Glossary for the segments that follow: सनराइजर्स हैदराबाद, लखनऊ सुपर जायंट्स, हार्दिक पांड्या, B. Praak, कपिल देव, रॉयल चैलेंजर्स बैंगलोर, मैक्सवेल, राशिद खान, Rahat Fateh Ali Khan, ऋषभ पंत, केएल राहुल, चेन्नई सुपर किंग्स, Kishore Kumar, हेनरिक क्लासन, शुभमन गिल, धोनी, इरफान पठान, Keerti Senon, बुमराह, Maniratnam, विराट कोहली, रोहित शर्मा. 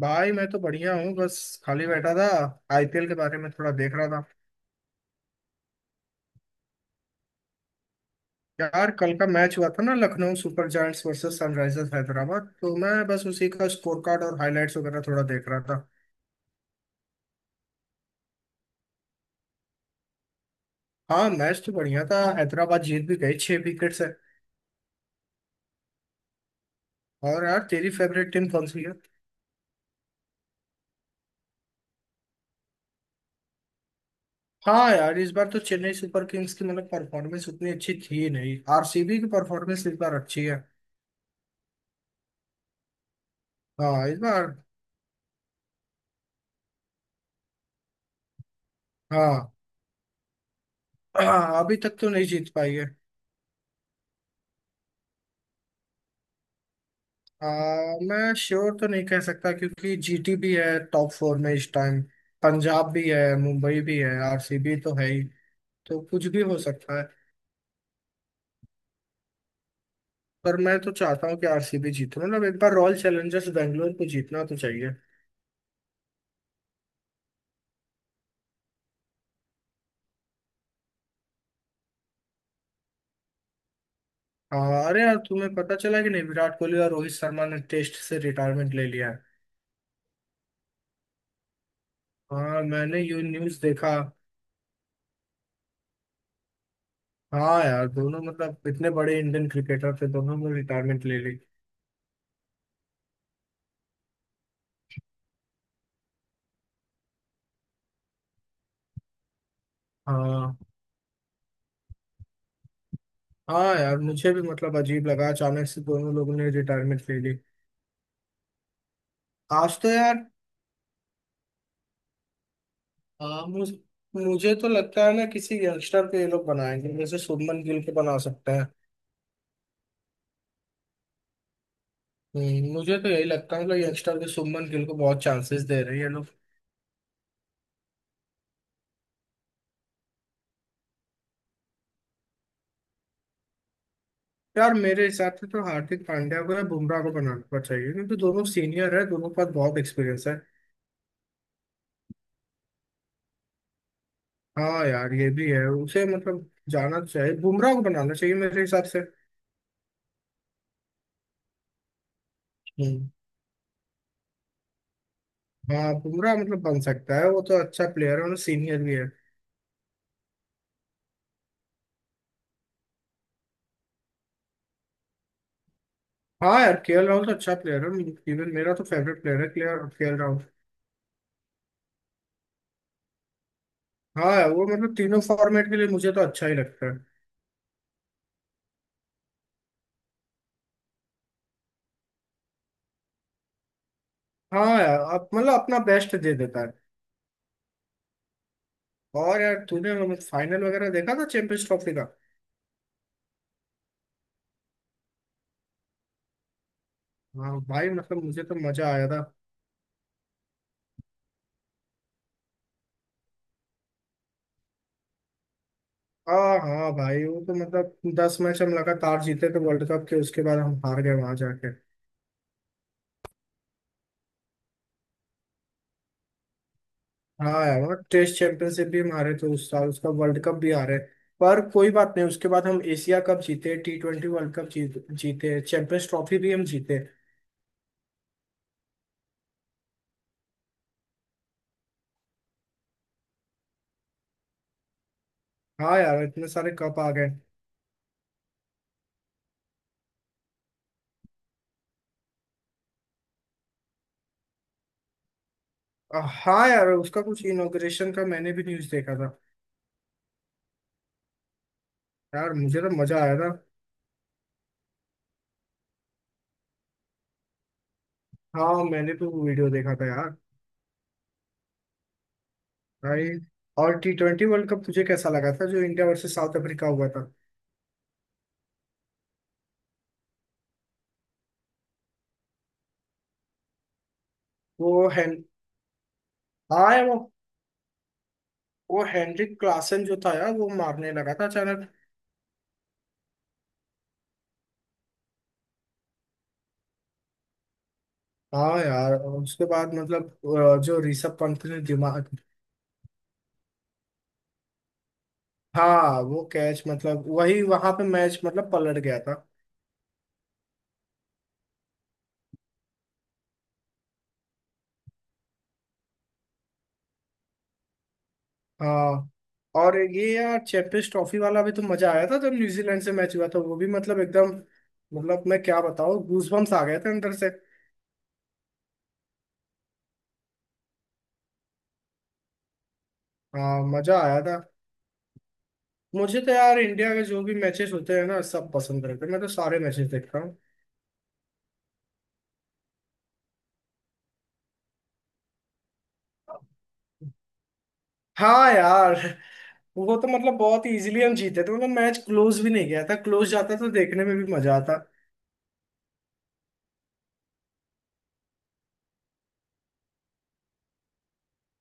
भाई मैं तो बढ़िया हूँ। बस खाली बैठा था। आईपीएल के बारे में थोड़ा देख रहा था। यार कल का मैच हुआ था ना, लखनऊ सुपर जायंट्स versus सनराइजर्स हैदराबाद, तो मैं बस उसी का स्कोर कार्ड और हाइलाइट्स वगैरह थोड़ा देख रहा था। हाँ, मैच तो बढ़िया था। हैदराबाद जीत भी गई 6 विकेट से। और यार, तेरी फेवरेट टीम कौन सी है? हाँ यार, इस बार तो चेन्नई सुपर किंग्स की मतलब परफॉर्मेंस उतनी अच्छी थी नहीं। आरसीबी की परफॉर्मेंस इस बार अच्छी है। हाँ, इस बार। हाँ। हाँ, अभी तक तो नहीं जीत पाई है। आ, मैं श्योर तो नहीं कह सकता, क्योंकि जीटी भी है टॉप फोर में इस टाइम। पंजाब भी है, मुंबई भी है, आरसीबी तो है ही। तो कुछ भी हो सकता है। पर मैं तो चाहता हूँ कि आरसीबी जीते, मतलब एक बार रॉयल चैलेंजर्स बैंगलोर को जीतना तो चाहिए। हाँ, अरे यार, तुम्हें पता चला कि नहीं, विराट कोहली और रोहित शर्मा ने टेस्ट से रिटायरमेंट ले लिया है। हाँ, मैंने ये न्यूज देखा। हाँ यार, दोनों मतलब इतने बड़े इंडियन क्रिकेटर थे, दोनों ने रिटायरमेंट ले ली। हाँ। हाँ यार, मुझे भी मतलब अजीब लगा, अचानक से दोनों लोगों ने रिटायरमेंट ले ली। आज तो यार। हाँ, मुझे मुझे तो लगता है ना किसी यंगस्टर को ये लोग बनाएंगे, जैसे शुभमन गिल को बना सकते हैं। मुझे तो यही लगता है, मतलब यंगस्टर को, शुभमन गिल को बहुत चांसेस दे रहे हैं ये लोग। यार, मेरे हिसाब से तो हार्दिक पांड्या को या बुमराह को बनाना चाहिए, क्योंकि दोनों सीनियर है, दोनों के पास बहुत एक्सपीरियंस है। हाँ यार, ये भी है, उसे मतलब जाना चाहिए, बुमराह को बनाना चाहिए मेरे हिसाब से। हम्म। हाँ, बुमराह मतलब बन सकता है, वो तो अच्छा प्लेयर है और सीनियर भी है। हाँ यार, केएल राहुल तो अच्छा प्लेयर है। इवन मेरा तो फेवरेट प्लेयर है केएल केएल राहुल। हाँ यार, वो मतलब तीनों फॉर्मेट के लिए मुझे तो अच्छा ही लगता है। हाँ यार, अब मतलब अपना बेस्ट दे देता है। और यार, तूने मतलब फाइनल वगैरह देखा था चैंपियंस ट्रॉफी का? हाँ भाई, मतलब मुझे तो मजा आया था। हाँ हाँ भाई, वो तो मतलब 10 मैच हम लगातार जीते थे वर्ल्ड कप के, उसके बाद हम हार गए वहां जाके। हाँ यार, मतलब टेस्ट चैंपियनशिप भी हमारे तो उस साल, उसका वर्ल्ड कप भी आ रहा है। पर कोई बात नहीं, उसके बाद हम एशिया कप जीते, टी ट्वेंटी वर्ल्ड कप जीते चैंपियंस ट्रॉफी भी हम जीते। हाँ यार, इतने सारे कप आ गए। अ, हाँ यार, उसका कुछ इनॉग्रेशन का मैंने भी न्यूज देखा था। यार मुझे तो मजा आया था। हाँ, मैंने तो वो वीडियो देखा था यार। भाई, और टी ट्वेंटी वर्ल्ड कप तुझे कैसा लगा था, जो इंडिया वर्सेस साउथ अफ्रीका हुआ था? वो हैन। हाँ यार, वो हेनरिक क्लासन जो था यार, वो मारने लगा था अचानक। हाँ यार, उसके बाद मतलब जो ऋषभ पंत ने दिमाग। हाँ, वो कैच मतलब वही वहां पे मैच मतलब पलट गया था। हाँ। और ये यार, चैंपियंस ट्रॉफी वाला भी तो मजा आया था जब न्यूजीलैंड से मैच हुआ था, वो भी मतलब एकदम। मतलब मैं क्या बताऊँ, गूजबम्स आ गए थे अंदर से। हाँ, मजा आया था। मुझे तो यार इंडिया के जो भी मैचेस होते हैं ना सब पसंद रहते हैं, मैं तो सारे मैचेस देखता हूँ। हाँ यार, वो तो मतलब बहुत इजीली हम जीते थे, मतलब मैच क्लोज भी नहीं गया था, क्लोज जाता तो देखने में भी मजा आता।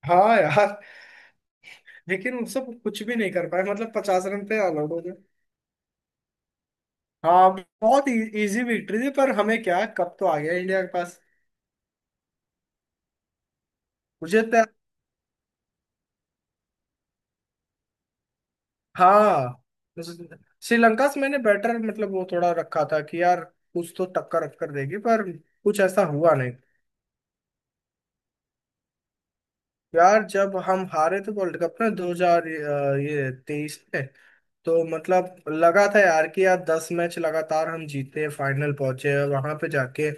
हाँ यार। लेकिन उनसे कुछ भी नहीं कर पाए, मतलब 50 रन पे आउट हो गए। हाँ, बहुत इजी विक्ट्री थी, पर हमें क्या, कप तो आ गया इंडिया के पास। मुझे तो। हाँ, श्रीलंका से मैंने बेटर मतलब वो थोड़ा रखा था कि यार कुछ तो टक्कर रख कर देगी, पर कुछ ऐसा हुआ नहीं। यार, जब हम हारे थे वर्ल्ड कप में दो हजार ये तेईस में, तो मतलब लगा था यार कि यार 10 मैच लगातार हम जीते, फाइनल पहुंचे और वहां पे जाके।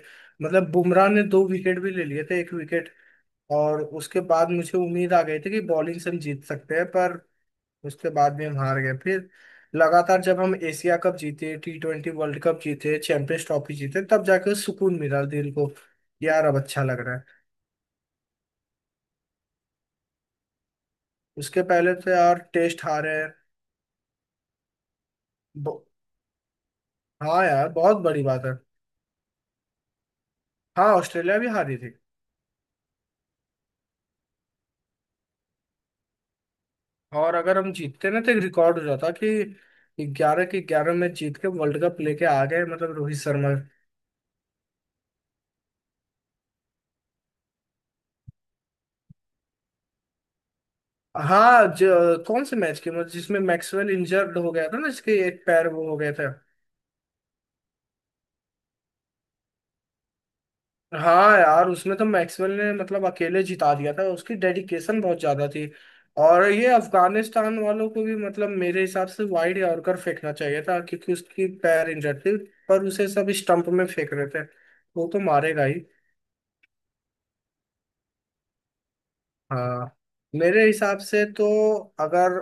मतलब बुमराह ने 2 विकेट भी ले लिए थे, एक विकेट। और उसके बाद मुझे उम्मीद आ गई थी कि बॉलिंग से हम जीत सकते हैं, पर उसके बाद भी हम हार गए फिर। लगातार जब हम एशिया कप जीते, टी ट्वेंटी वर्ल्ड कप जीते, चैंपियंस ट्रॉफी जीते, तब जाके सुकून मिला दिल को। यार, अब अच्छा लग रहा है। उसके पहले तो यार टेस्ट हारे हैं। हाँ यार, बहुत बड़ी बात है। हाँ, ऑस्ट्रेलिया भी हारी थी। और अगर हम जीतते ना, तो एक रिकॉर्ड हो जाता कि 11 के 11 मैच जीत के वर्ल्ड कप लेके आ गए, मतलब रोहित शर्मा। हाँ कौन से मैच के, मतलब जिसमें मैक्सवेल इंजर्ड हो गया था ना, इसके एक पैर वो हो गया था। हाँ यार, उसमें तो मैक्सवेल ने मतलब अकेले जिता दिया था, उसकी डेडिकेशन बहुत ज्यादा थी। और ये अफगानिस्तान वालों को भी मतलब मेरे हिसाब से वाइड यॉर्कर फेंकना चाहिए था, क्योंकि उसकी पैर इंजर्ड थी। पर उसे सब स्टंप में फेंक रहे थे, वो तो मारेगा ही। हाँ। मेरे हिसाब से तो अगर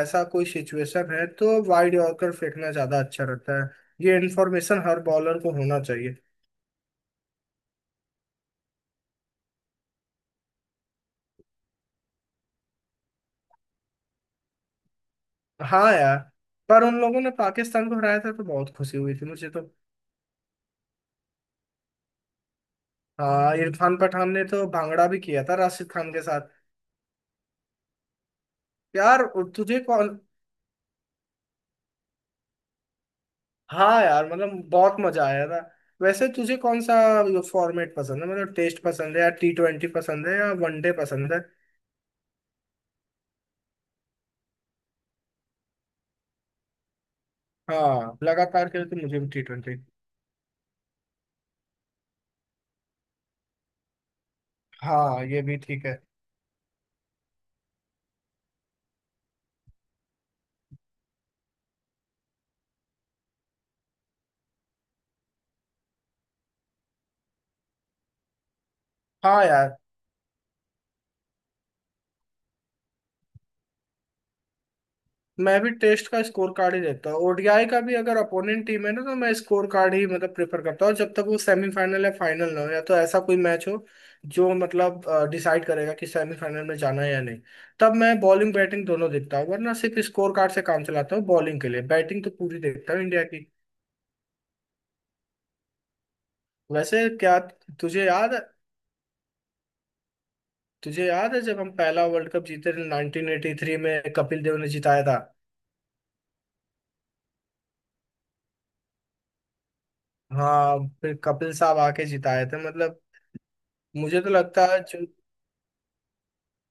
ऐसा कोई सिचुएशन है तो वाइड यॉर्कर फेंकना ज्यादा अच्छा रहता है। ये इन्फॉर्मेशन हर बॉलर को होना चाहिए। हाँ यार, पर उन लोगों ने पाकिस्तान को हराया था तो बहुत खुशी हुई थी मुझे तो। हाँ, इरफान पठान ने तो भांगड़ा भी किया था राशिद खान के साथ। यार तुझे कौन हाँ यार, मतलब बहुत मजा आया था। वैसे तुझे कौन सा फॉर्मेट पसंद है? मतलब टेस्ट पसंद है या टी ट्वेंटी पसंद है या वनडे पसंद है? हाँ, लगातार के लिए तो मुझे भी टी ट्वेंटी। हाँ, ये भी ठीक है। हाँ यार, मैं भी टेस्ट का स्कोर कार्ड ही देखता हूँ, ओडीआई का भी अगर अपोनेंट टीम है ना तो मैं स्कोर कार्ड ही मतलब प्रेफर करता हूँ, जब तक वो सेमीफाइनल या फाइनल ना हो, या तो ऐसा कोई मैच हो जो मतलब डिसाइड करेगा कि सेमीफाइनल में जाना है या नहीं। तब मैं बॉलिंग बैटिंग दोनों देखता हूँ, वरना सिर्फ स्कोर कार्ड से काम चलाता हूँ बॉलिंग के लिए। बैटिंग तो पूरी देखता हूँ इंडिया की। वैसे क्या तुझे याद तुझे याद है जब हम पहला वर्ल्ड कप जीते थे 1983 में, कपिल देव ने जिताया था। हाँ, फिर कपिल साहब आके जिताए थे मतलब। मुझे तो लगता है जो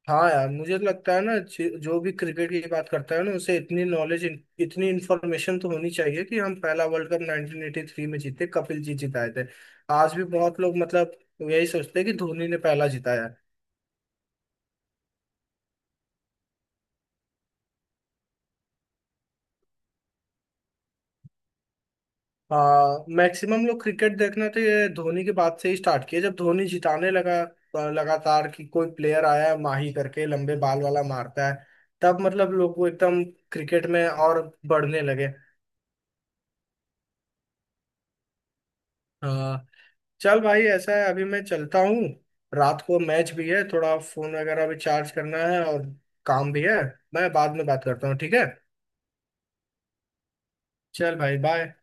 हाँ यार, मुझे तो लगता है ना, जो भी क्रिकेट की बात करता है ना, उसे इतनी नॉलेज, इतनी इन्फॉर्मेशन तो होनी चाहिए कि हम पहला वर्ल्ड कप 1983 में जीते, कपिल जी जिताए थे। आज भी बहुत लोग मतलब यही सोचते हैं कि धोनी ने पहला जिताया है। हाँ, मैक्सिमम लोग क्रिकेट देखना तो ये धोनी के बाद से ही स्टार्ट किया, जब धोनी जिताने लगा लगातार, कि कोई प्लेयर आया है माही करके लंबे बाल वाला, मारता है, तब मतलब लोग को एकदम क्रिकेट में और बढ़ने लगे। चल भाई, ऐसा है अभी मैं चलता हूँ। रात को मैच भी है, थोड़ा फोन वगैरह भी चार्ज करना है, और काम भी है। मैं बाद में बात करता हूँ, ठीक है। चल भाई, बाय।